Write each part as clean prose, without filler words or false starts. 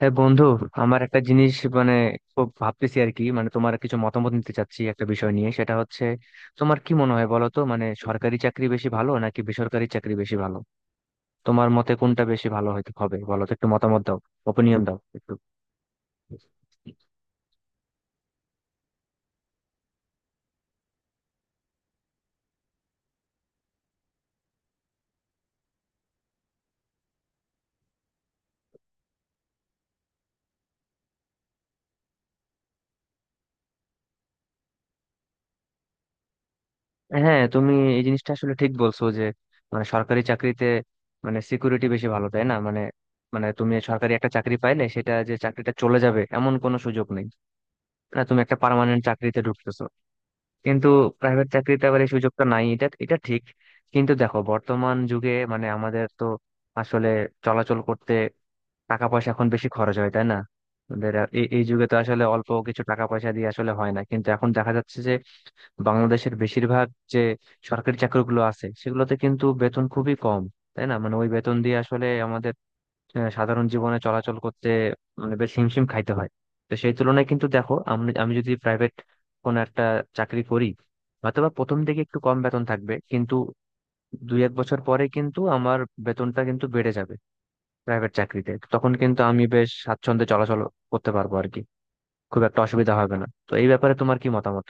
হ্যাঁ বন্ধু। আমার একটা জিনিস, মানে খুব ভাবতেছি আর কি। মানে তোমার কিছু মতামত নিতে চাচ্ছি একটা বিষয় নিয়ে, সেটা হচ্ছে তোমার কি মনে হয় বলো তো, মানে সরকারি চাকরি বেশি ভালো নাকি বেসরকারি চাকরি বেশি ভালো? তোমার মতে কোনটা বেশি ভালো হইতে হবে বলো তো, একটু মতামত দাও, ওপিনিয়ন দাও একটু। হ্যাঁ, তুমি এই জিনিসটা আসলে ঠিক বলছো যে মানে সরকারি চাকরিতে মানে সিকিউরিটি বেশি ভালো তাই না। মানে মানে তুমি সরকারি একটা চাকরি পাইলে সেটা যে চাকরিটা চলে যাবে এমন কোনো সুযোগ নেই, না, তুমি একটা পার্মানেন্ট চাকরিতে ঢুকতেছো। কিন্তু প্রাইভেট চাকরিতে আবার এই সুযোগটা নাই, এটা এটা ঠিক। কিন্তু দেখো বর্তমান যুগে মানে আমাদের তো আসলে চলাচল করতে টাকা পয়সা এখন বেশি খরচ হয় তাই না। আমাদের এই এই যুগে তো আসলে অল্প কিছু টাকা পয়সা দিয়ে আসলে হয় না, কিন্তু এখন দেখা যাচ্ছে যে বাংলাদেশের বেশিরভাগ যে সরকারি চাকরিগুলো আছে সেগুলোতে কিন্তু বেতন খুবই কম। তাই না, মানে ওই বেতন দিয়ে আসলে আমাদের সাধারণ জীবনে চলাচল করতে মানে বেশ হিমশিম খাইতে হয়। তো সেই তুলনায় কিন্তু দেখো, আমি আমি যদি প্রাইভেট কোনো একটা চাকরি করি, অথবা প্রথম দিকে একটু কম বেতন থাকবে, কিন্তু দুই এক বছর পরে কিন্তু আমার বেতনটা কিন্তু বেড়ে যাবে প্রাইভেট চাকরিতে। তখন কিন্তু আমি বেশ স্বাচ্ছন্দ্যে চলাচল করতে পারবো আর কি, খুব একটা অসুবিধা হবে না। তো এই ব্যাপারে তোমার কি মতামত?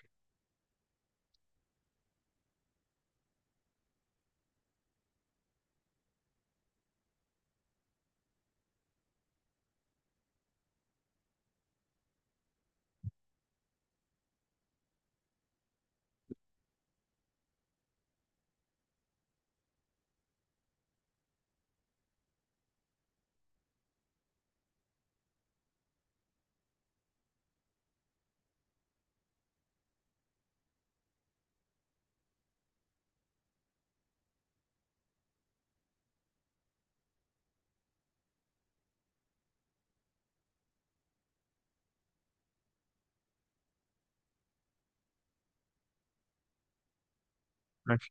আচ্ছা।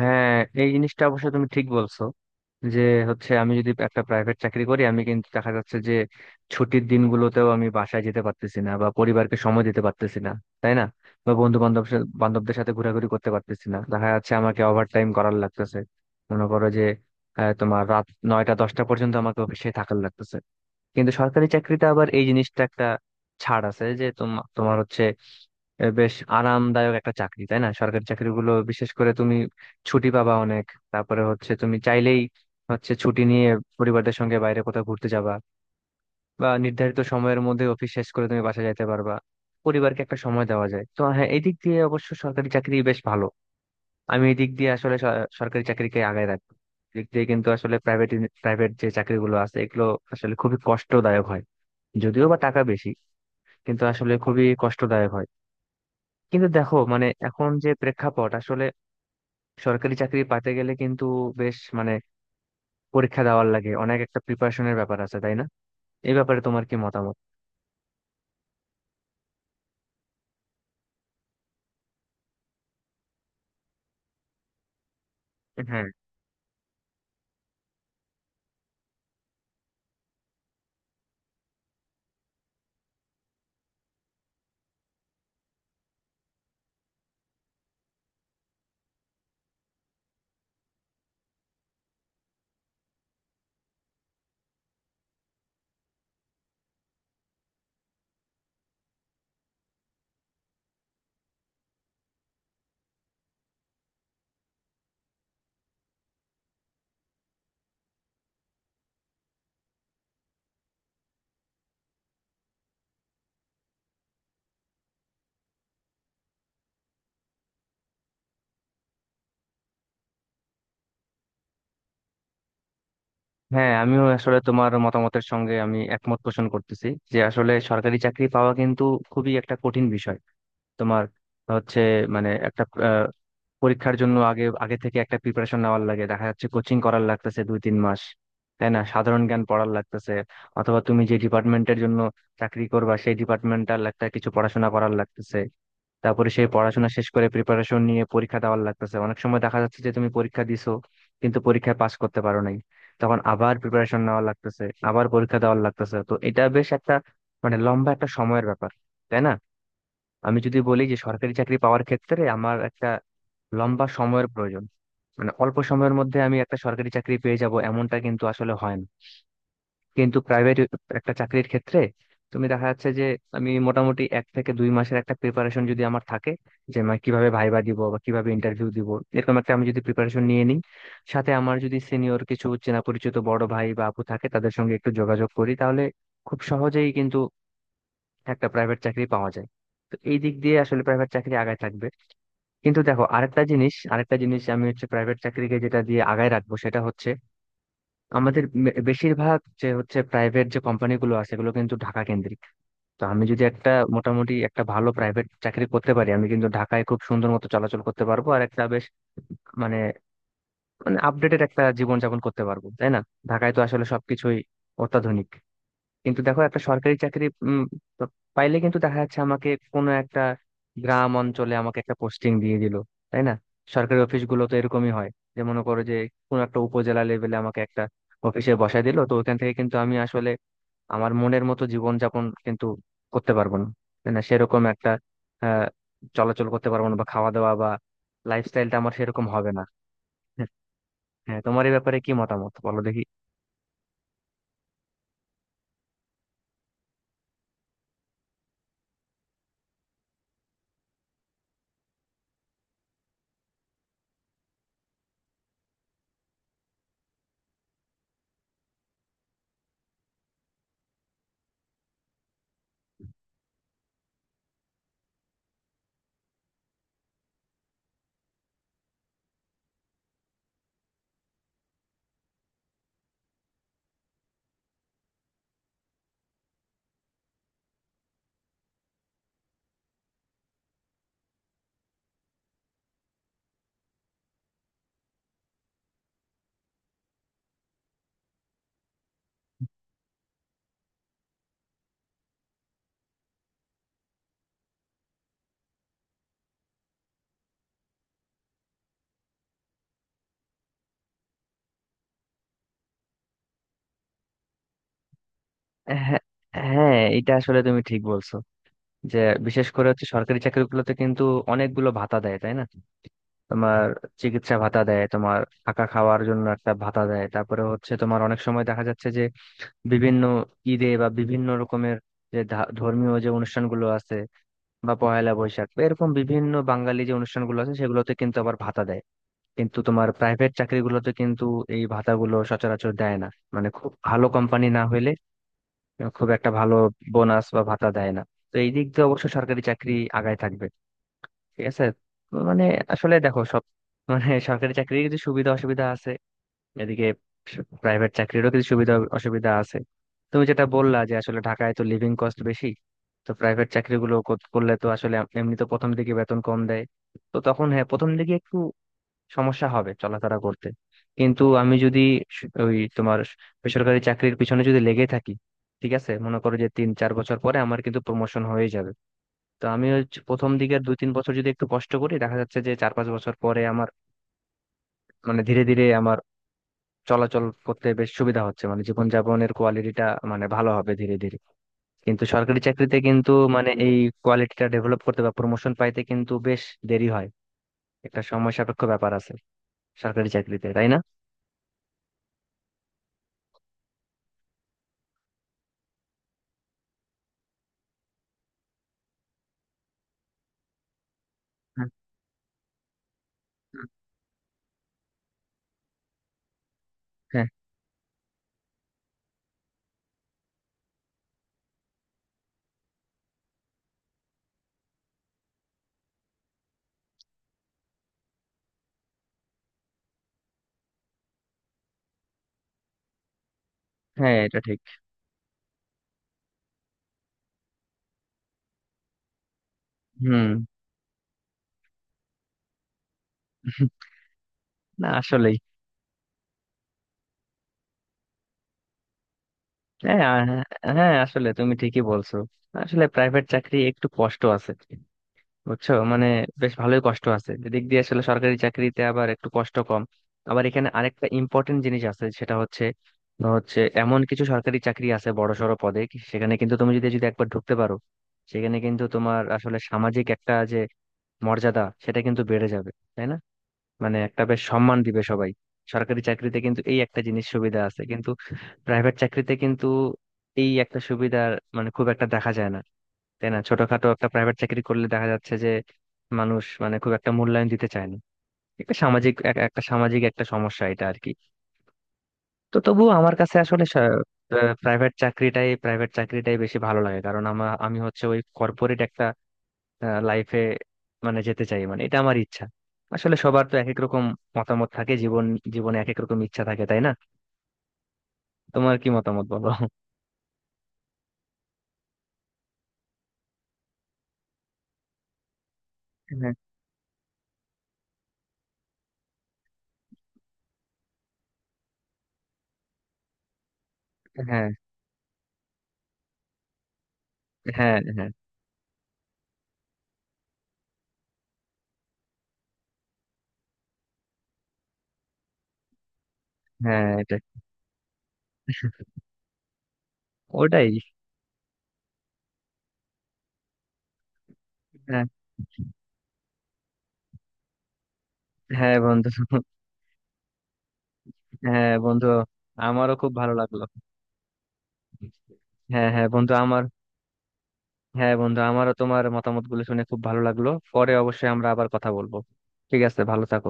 হ্যাঁ, এই জিনিসটা অবশ্য তুমি ঠিক বলছো যে হচ্ছে আমি যদি একটা প্রাইভেট চাকরি করি, আমি কিন্তু দেখা যাচ্ছে যে ছুটির দিনগুলোতেও আমি বাসায় যেতে পারতেছি না বা পরিবারকে সময় দিতে পারতেছি না, তাই না। বা বন্ধু বান্ধব বান্ধবদের সাথে ঘোরাঘুরি করতে পারতেছি না, দেখা যাচ্ছে আমাকে ওভার টাইম করার লাগতেছে। মনে করো যে তোমার রাত নয়টা দশটা পর্যন্ত আমাকে অফিসে থাকার লাগতেছে। কিন্তু সরকারি চাকরিতে আবার এই জিনিসটা একটা ছাড় আছে যে তোমার তোমার হচ্ছে বেশ আরামদায়ক একটা চাকরি তাই না, সরকারি চাকরিগুলো। বিশেষ করে তুমি ছুটি পাবা অনেক। তারপরে হচ্ছে তুমি চাইলেই হচ্ছে ছুটি নিয়ে পরিবারদের সঙ্গে বাইরে কোথাও ঘুরতে যাবা, বা নির্ধারিত সময়ের মধ্যে অফিস শেষ করে তুমি বাসা যাইতে পারবা, পরিবারকে একটা সময় দেওয়া যায়। তো হ্যাঁ, এই দিক দিয়ে অবশ্য সরকারি চাকরি বেশ ভালো। আমি এই দিক দিয়ে আসলে সরকারি চাকরিকে আগায় রাখবো। দিক দিয়ে কিন্তু আসলে প্রাইভেট প্রাইভেট যে চাকরিগুলো আছে এগুলো আসলে খুবই কষ্টদায়ক হয়, যদিও বা টাকা বেশি, কিন্তু আসলে খুবই কষ্টদায়ক হয়। কিন্তু দেখো মানে এখন যে প্রেক্ষাপট আসলে, সরকারি চাকরি পাতে গেলে কিন্তু বেশ মানে পরীক্ষা দেওয়ার লাগে অনেক, একটা প্রিপারেশনের ব্যাপার আছে তাই না। এই ব্যাপারে তোমার কি মতামত? হ্যাঁ। হ্যাঁ, আমিও আসলে তোমার মতামতের সঙ্গে আমি একমত পোষণ করতেছি যে আসলে সরকারি চাকরি পাওয়া কিন্তু খুবই একটা কঠিন বিষয়। তোমার হচ্ছে মানে একটা পরীক্ষার জন্য আগে আগে থেকে একটা প্রিপারেশন নেওয়ার লাগে, দেখা যাচ্ছে কোচিং করার লাগতেছে দুই তিন মাস, তাই না, সাধারণ জ্ঞান পড়ার লাগতেছে। অথবা তুমি যে ডিপার্টমেন্টের জন্য চাকরি করবা সেই ডিপার্টমেন্টাল একটা কিছু পড়াশোনা করার লাগতেছে। তারপরে সেই পড়াশোনা শেষ করে প্রিপারেশন নিয়ে পরীক্ষা দেওয়ার লাগতেছে, অনেক সময় দেখা যাচ্ছে যে তুমি পরীক্ষা দিছো কিন্তু পরীক্ষায় পাস করতে পারো নাই, তখন আবার প্রিপারেশন নেওয়া লাগতেছে, আবার পরীক্ষা দেওয়ার লাগতেছে। তো এটা বেশ একটা মানে লম্বা একটা সময়ের ব্যাপার, তাই না। আমি যদি বলি যে সরকারি চাকরি পাওয়ার ক্ষেত্রে আমার একটা লম্বা সময়ের প্রয়োজন, মানে অল্প সময়ের মধ্যে আমি একটা সরকারি চাকরি পেয়ে যাব এমনটা কিন্তু আসলে হয় না। কিন্তু প্রাইভেট একটা চাকরির ক্ষেত্রে তুমি দেখা যাচ্ছে যে আমি মোটামুটি এক থেকে দুই মাসের একটা প্রিপারেশন যদি আমার থাকে, যে আমি কিভাবে ভাইবা দিব বা কিভাবে ইন্টারভিউ দিব, এরকম একটা আমি যদি প্রিপারেশন নিয়ে নিই, সাথে আমার যদি সিনিয়র কিছু চেনা পরিচিত বড় ভাই বা আপু থাকে তাদের সঙ্গে একটু যোগাযোগ করি, তাহলে খুব সহজেই কিন্তু একটা প্রাইভেট চাকরি পাওয়া যায়। তো এই দিক দিয়ে আসলে প্রাইভেট চাকরি আগায় থাকবে। কিন্তু দেখো আরেকটা জিনিস, আমি হচ্ছে প্রাইভেট চাকরিকে যেটা দিয়ে আগায় রাখবো সেটা হচ্ছে আমাদের বেশিরভাগ যে হচ্ছে প্রাইভেট যে কোম্পানিগুলো আছে এগুলো কিন্তু ঢাকা কেন্দ্রিক। তো আমি যদি একটা মোটামুটি একটা ভালো প্রাইভেট চাকরি করতে পারি, আমি কিন্তু ঢাকায় খুব সুন্দর মতো চলাচল করতে পারবো আর একটা বেশ মানে মানে আপডেটেড একটা জীবনযাপন করতে পারবো, তাই না। ঢাকায় তো আসলে সবকিছুই অত্যাধুনিক। কিন্তু দেখো একটা সরকারি চাকরি তো পাইলে কিন্তু দেখা যাচ্ছে আমাকে কোনো একটা গ্রাম অঞ্চলে আমাকে একটা পোস্টিং দিয়ে দিল, তাই না। সরকারি অফিসগুলো তো এরকমই হয়, যে মনে করো যে কোনো একটা উপজেলা লেভেলে আমাকে একটা অফিসে বসায় দিল, তো ওইখান থেকে কিন্তু আমি আসলে আমার মনের মতো জীবনযাপন কিন্তু করতে পারবো না, তাই না। সেরকম একটা আহ চলাচল করতে পারবো না, বা খাওয়া দাওয়া বা লাইফস্টাইলটা আমার সেরকম হবে না। হ্যাঁ। হ্যাঁ, তোমার এই ব্যাপারে কি মতামত বলো দেখি। হ্যাঁ। হ্যাঁ, এটা আসলে তুমি ঠিক বলছো যে বিশেষ করে হচ্ছে সরকারি চাকরিগুলোতে কিন্তু অনেকগুলো ভাতা দেয়, তাই না। তোমার চিকিৎসা ভাতা দেয়, তোমার থাকা খাওয়ার জন্য একটা ভাতা দেয়, তারপরে হচ্ছে তোমার অনেক সময় দেখা যাচ্ছে যে বিভিন্ন ঈদে বা বিভিন্ন রকমের যে ধর্মীয় যে অনুষ্ঠানগুলো আছে, বা পয়লা বৈশাখ বা এরকম বিভিন্ন বাঙালি যে অনুষ্ঠানগুলো আছে সেগুলোতে কিন্তু আবার ভাতা দেয়। কিন্তু তোমার প্রাইভেট চাকরিগুলোতে কিন্তু এই ভাতাগুলো সচরাচর দেয় না, মানে খুব ভালো কোম্পানি না হইলে খুব একটা ভালো বোনাস বা ভাতা দেয় না। তো এই দিক দিয়ে অবশ্য সরকারি চাকরি আগায় থাকবে। ঠিক আছে। তো মানে আসলে দেখো, সব মানে সরকারি চাকরির কিছু সুবিধা অসুবিধা আছে, এদিকে প্রাইভেট চাকরিরও কিছু সুবিধা অসুবিধা আছে। তুমি যেটা বললা যে আসলে ঢাকায় তো লিভিং কস্ট বেশি, তো প্রাইভেট চাকরিগুলো করলে তো আসলে এমনি তো প্রথম দিকে বেতন কম দেয়, তো তখন হ্যাঁ প্রথম দিকে একটু সমস্যা হবে চলাফেরা করতে। কিন্তু আমি যদি ওই তোমার বেসরকারি চাকরির পিছনে যদি লেগে থাকি, ঠিক আছে, মনে করো যে তিন চার বছর পরে আমার কিন্তু প্রমোশন হয়ে যাবে। তো আমি ওই প্রথম দিকের দুই তিন বছর যদি একটু কষ্ট করি, দেখা যাচ্ছে যে চার পাঁচ বছর পরে আমার মানে ধীরে ধীরে আমার চলাচল করতে বেশ সুবিধা হচ্ছে, মানে জীবনযাপনের কোয়ালিটিটা মানে ভালো হবে ধীরে ধীরে। কিন্তু সরকারি চাকরিতে কিন্তু মানে এই কোয়ালিটিটা ডেভেলপ করতে বা প্রমোশন পাইতে কিন্তু বেশ দেরি হয়, একটা সময় সাপেক্ষ ব্যাপার আছে সরকারি চাকরিতে, তাই না। হ্যাঁ, হ্যাঁ, হ্যাঁ, এটা ঠিক। হুম। না, আসলেই। হ্যাঁ, হ্যাঁ আসলে তুমি ঠিকই বলছো, আসলে প্রাইভেট চাকরি একটু কষ্ট আছে, বুঝছো, মানে বেশ ভালোই কষ্ট আছে দিক দিয়ে। আসলে সরকারি চাকরিতে আবার একটু কষ্ট কম। আবার এখানে আরেকটা ইম্পর্টেন্ট জিনিস আছে, সেটা হচ্ছে হচ্ছে এমন কিছু সরকারি চাকরি আছে বড় সড় পদে কি, সেখানে কিন্তু তুমি যদি যদি একবার ঢুকতে পারো, সেখানে কিন্তু তোমার আসলে সামাজিক একটা যে মর্যাদা, সেটা কিন্তু বেড়ে যাবে, তাই না। মানে একটা বেশ সম্মান দিবে সবাই, সরকারি চাকরিতে কিন্তু এই একটা জিনিস সুবিধা আছে কিন্তু। প্রাইভেট চাকরিতে কিন্তু এই একটা সুবিধা মানে খুব একটা দেখা যায় না, তাই না। ছোটখাটো একটা প্রাইভেট চাকরি করলে দেখা যাচ্ছে যে মানুষ মানে খুব একটা মূল্যায়ন দিতে চায় না, একটা সামাজিক একটা সামাজিক একটা সমস্যা এটা আর কি। তো তবুও আমার কাছে আসলে প্রাইভেট চাকরিটাই বেশি ভালো লাগে, কারণ আমার আমি হচ্ছে ওই কর্পোরেট একটা লাইফে মানে যেতে চাই, মানে এটা আমার ইচ্ছা। আসলে সবার তো এক এক রকম মতামত থাকে, জীবন জীবনে এক এক রকম ইচ্ছা থাকে, তাই না। তোমার কি মতামত বলো? হ্যাঁ, হ্যাঁ, হ্যাঁ। হ্যাঁ, হ্যাঁ, এটা ওটাই। হ্যাঁ, হ্যাঁ, বন্ধু। হ্যাঁ বন্ধু, আমারও খুব ভালো লাগলো। হ্যাঁ, হ্যাঁ বন্ধু আমার। হ্যাঁ বন্ধু, আমারও তোমার মতামত গুলো শুনে খুব ভালো লাগলো। পরে অবশ্যই আমরা আবার কথা বলবো। ঠিক আছে, ভালো থাকো।